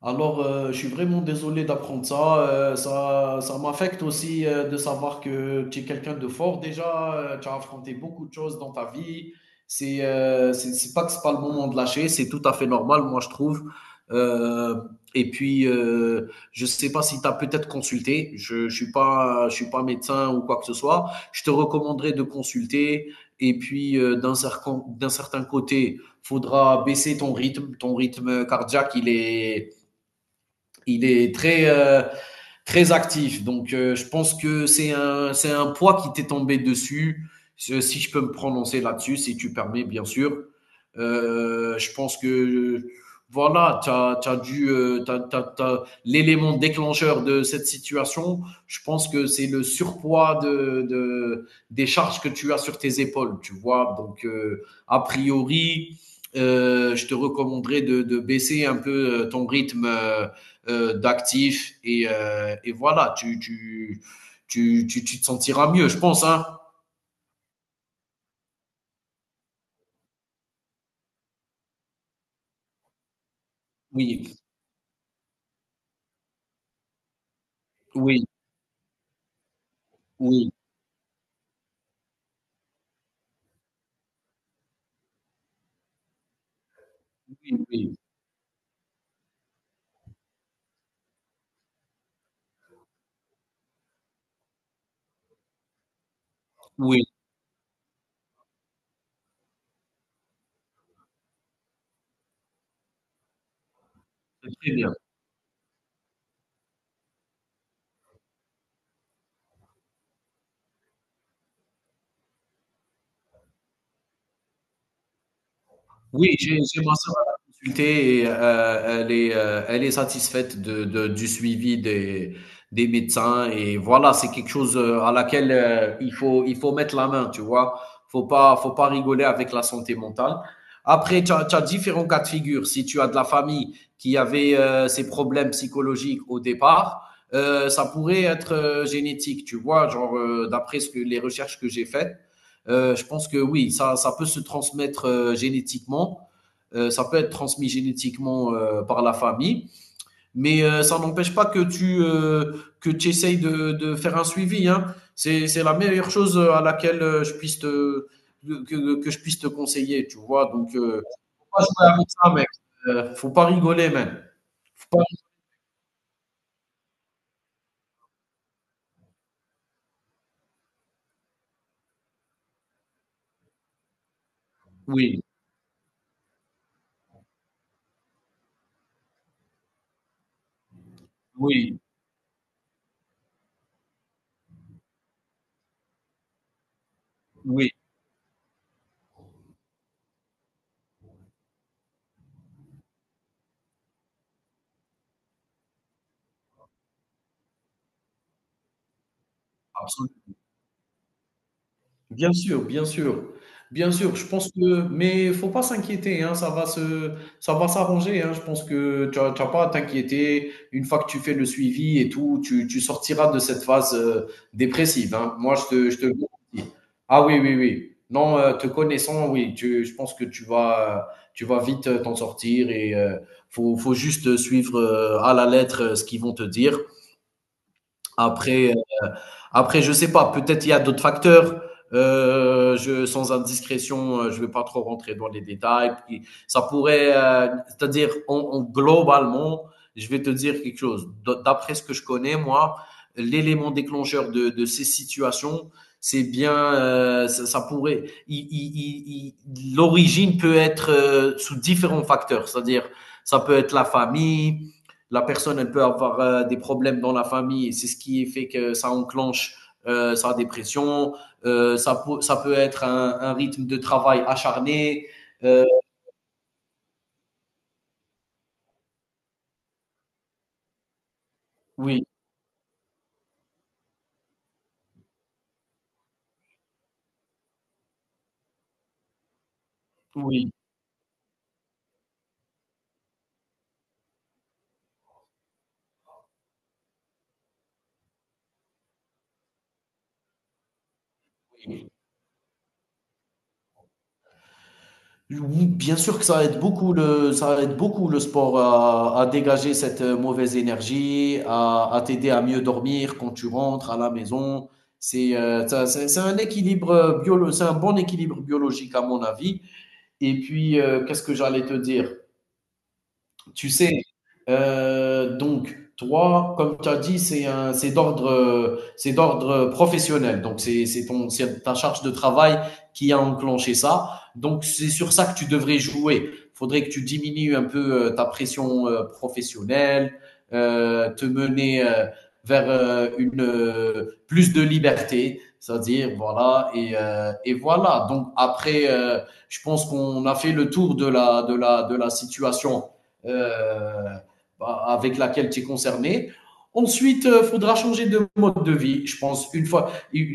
Alors, je suis vraiment désolé d'apprendre ça. Ça m'affecte aussi de savoir que tu es quelqu'un de fort déjà. Tu as affronté beaucoup de choses dans ta vie. C'est pas que c'est pas le moment de lâcher. C'est tout à fait normal, moi, je trouve. Euh, et puis, je sais pas si tu as peut-être consulté. Je suis pas médecin ou quoi que ce soit. Je te recommanderais de consulter. Et puis, d'un certain côté, faudra baisser ton rythme. Ton rythme cardiaque, il est très, très actif. Donc, je pense que c'est un poids qui t'est tombé dessus. Si je peux me prononcer là-dessus, si tu permets, bien sûr. Je pense que voilà, tu as, dû, l'élément déclencheur de cette situation. Je pense que c'est le surpoids des charges que tu as sur tes épaules, tu vois. Donc, a priori, je te recommanderais de baisser un peu ton rythme d'actifs. Et voilà, tu te sentiras mieux, je pense. Hein. Oui, oui, oui, oui, oui, oui, oui, c'est très bien. Oui, j'ai ma sœur, elle a consulté et elle est satisfaite de du suivi des médecins et voilà, c'est quelque chose, à laquelle, il faut mettre la main, tu vois? Faut pas rigoler avec la santé mentale. Après, tu as différents cas de figure. Si tu as de la famille qui avait, ces problèmes psychologiques au départ, ça pourrait être, génétique, tu vois? Genre, d'après ce que les recherches que j'ai faites, je pense que oui, ça peut se transmettre génétiquement. Ça peut être transmis génétiquement par la famille, mais ça n'empêche pas que tu essayes de faire un suivi. Hein. C'est la meilleure chose à laquelle je puisse te que je puisse te conseiller, tu vois. Donc, faut pas jouer avec ça, mec. Faut pas rigoler, même. Faut pas... Oui, oui, oui, absolument. Bien sûr, bien sûr. Bien sûr, je pense que mais faut pas s'inquiéter, hein, ça va s'arranger, hein. Je pense que tu as pas à t'inquiéter. Une fois que tu fais le suivi et tout, tu sortiras de cette phase, dépressive, hein. Moi, je te le garantis. Ah oui, oui, oui. Non, te connaissant, oui, tu je pense que tu vas vite, t'en sortir et faut juste, suivre, à la lettre, ce qu'ils vont te dire. Après, après, je sais pas, peut-être il y a d'autres facteurs. Sans indiscrétion, je vais pas trop rentrer dans les détails. Puis, c'est-à-dire, globalement, je vais te dire quelque chose. D'après ce que je connais, moi, l'élément déclencheur de ces situations, c'est bien, ça pourrait, l'origine peut être sous différents facteurs, c'est-à-dire, ça peut être la famille, la personne, elle peut avoir des problèmes dans la famille et c'est ce qui fait que ça enclenche sa dépression. Ça peut être un rythme de travail acharné. Euh, oui, oui. Oui, bien sûr que ça aide beaucoup le sport à dégager cette mauvaise énergie, à t'aider à mieux dormir quand tu rentres à la maison. C'est un équilibre c'est un bon équilibre biologique à mon avis. Et puis qu'est-ce que j'allais te dire? Tu sais, donc, toi, comme tu as dit, c'est d'ordre professionnel. Donc, c'est ta charge de travail qui a enclenché ça. Donc, c'est sur ça que tu devrais jouer. Faudrait que tu diminues un peu ta pression professionnelle, te mener vers une plus de liberté, c'est-à-dire voilà et voilà. Donc après, je pense qu'on a fait le tour de la situation euh, bah, avec laquelle tu es concerné. Ensuite, il faudra changer de mode de vie. Je pense, une fois,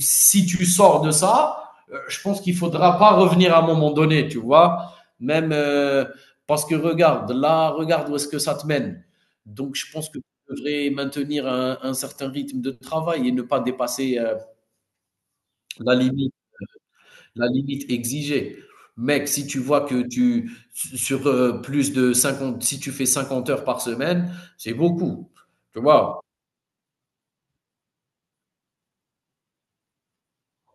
si tu sors de ça, je pense qu'il ne faudra pas revenir à un moment donné, tu vois. Même parce que regarde, là, regarde où est-ce que ça te mène. Donc, je pense que tu devrais maintenir un certain rythme de travail et ne pas dépasser la limite. La limite exigée. Mec, si tu vois que tu, sur plus de 50, si tu fais 50 heures par semaine, c'est beaucoup. Tu vois?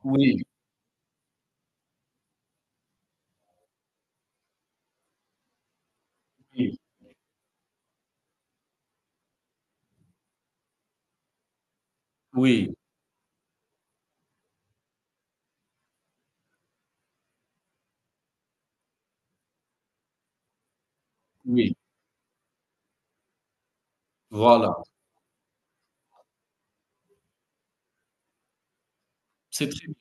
Oui, oui, oui, oui. Voilà. C'est très bien.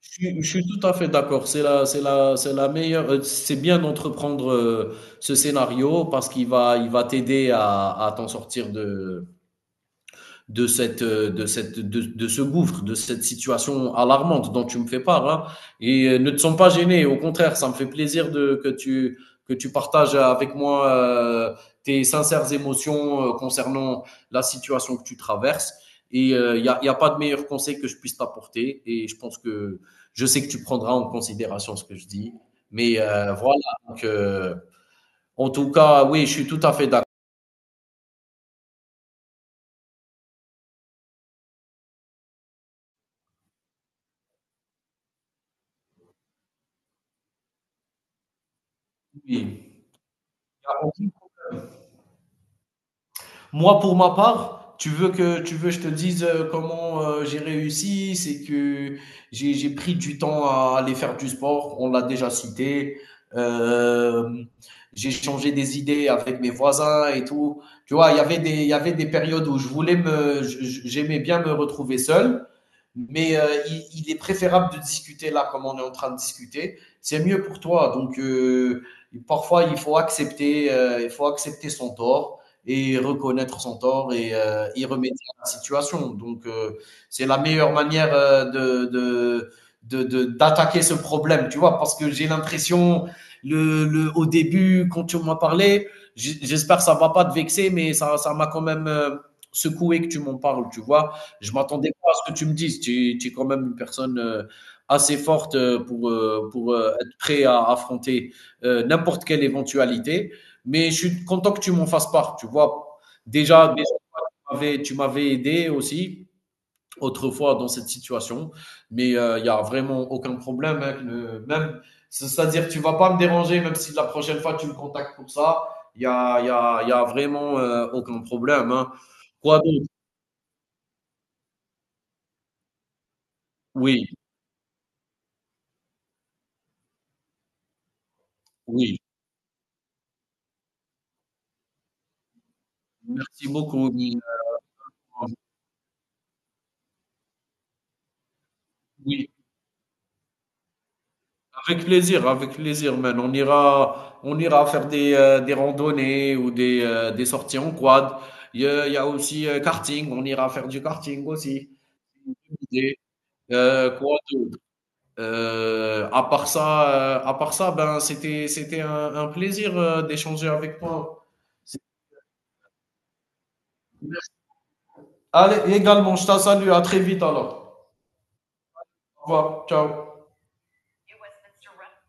Je suis tout à fait d'accord. C'est la meilleure. C'est bien d'entreprendre ce scénario parce il va t'aider à t'en sortir cette, ce gouffre, de cette situation alarmante dont tu me fais part. Hein. Et ne te sens pas gêné, au contraire, ça me fait plaisir que tu partages avec moi tes sincères émotions concernant la situation que tu traverses. Et il n'y a, y a pas de meilleur conseil que je puisse t'apporter. Et je pense que je sais que tu prendras en considération ce que je dis. Mais voilà, donc, en tout cas, oui, je suis tout à fait d'accord. Oui. Moi, pour ma part, tu veux que je te dise comment j'ai réussi, c'est que j'ai pris du temps à aller faire du sport, on l'a déjà cité. Euh, j'ai changé des idées avec mes voisins et tout. Tu vois, il y avait des périodes où je voulais me, je- j'aimais bien me retrouver seul mais est préférable de discuter là comme on est en train de discuter. C'est mieux pour toi. Donc parfois il faut accepter son tort et reconnaître son tort et y remédier à la situation. Donc c'est la meilleure manière de d'attaquer d'attaquer ce problème, tu vois, parce que j'ai l'impression, au début, quand tu m'as parlé, j'espère que ça ne va pas te vexer, mais ça m'a quand même secoué que tu m'en parles, tu vois. Je m'attendais pas à ce que tu me dises. Tu es quand même une personne assez forte pour être prêt à affronter n'importe quelle éventualité. Mais je suis content que tu m'en fasses part. Tu vois, déjà, tu m'avais aidé aussi autrefois dans cette situation. Mais il y n'y a vraiment aucun problème, hein, que le- même, c'est- c'est-à-dire, tu vas pas me déranger, même si la prochaine fois tu me contactes pour ça. Il y a vraiment aucun problème, hein. Quoi d'autre? Oui, oui. Merci beaucoup. Oui, oui, avec plaisir, man. On ira faire des randonnées ou des sorties en quad. Il y a aussi karting, on ira faire du karting aussi. Et, quoi d'autre? À part ça, ben c'était un plaisir d'échanger avec toi. C'est- Allez, également, je te salue, à très vite alors. Au revoir, ciao.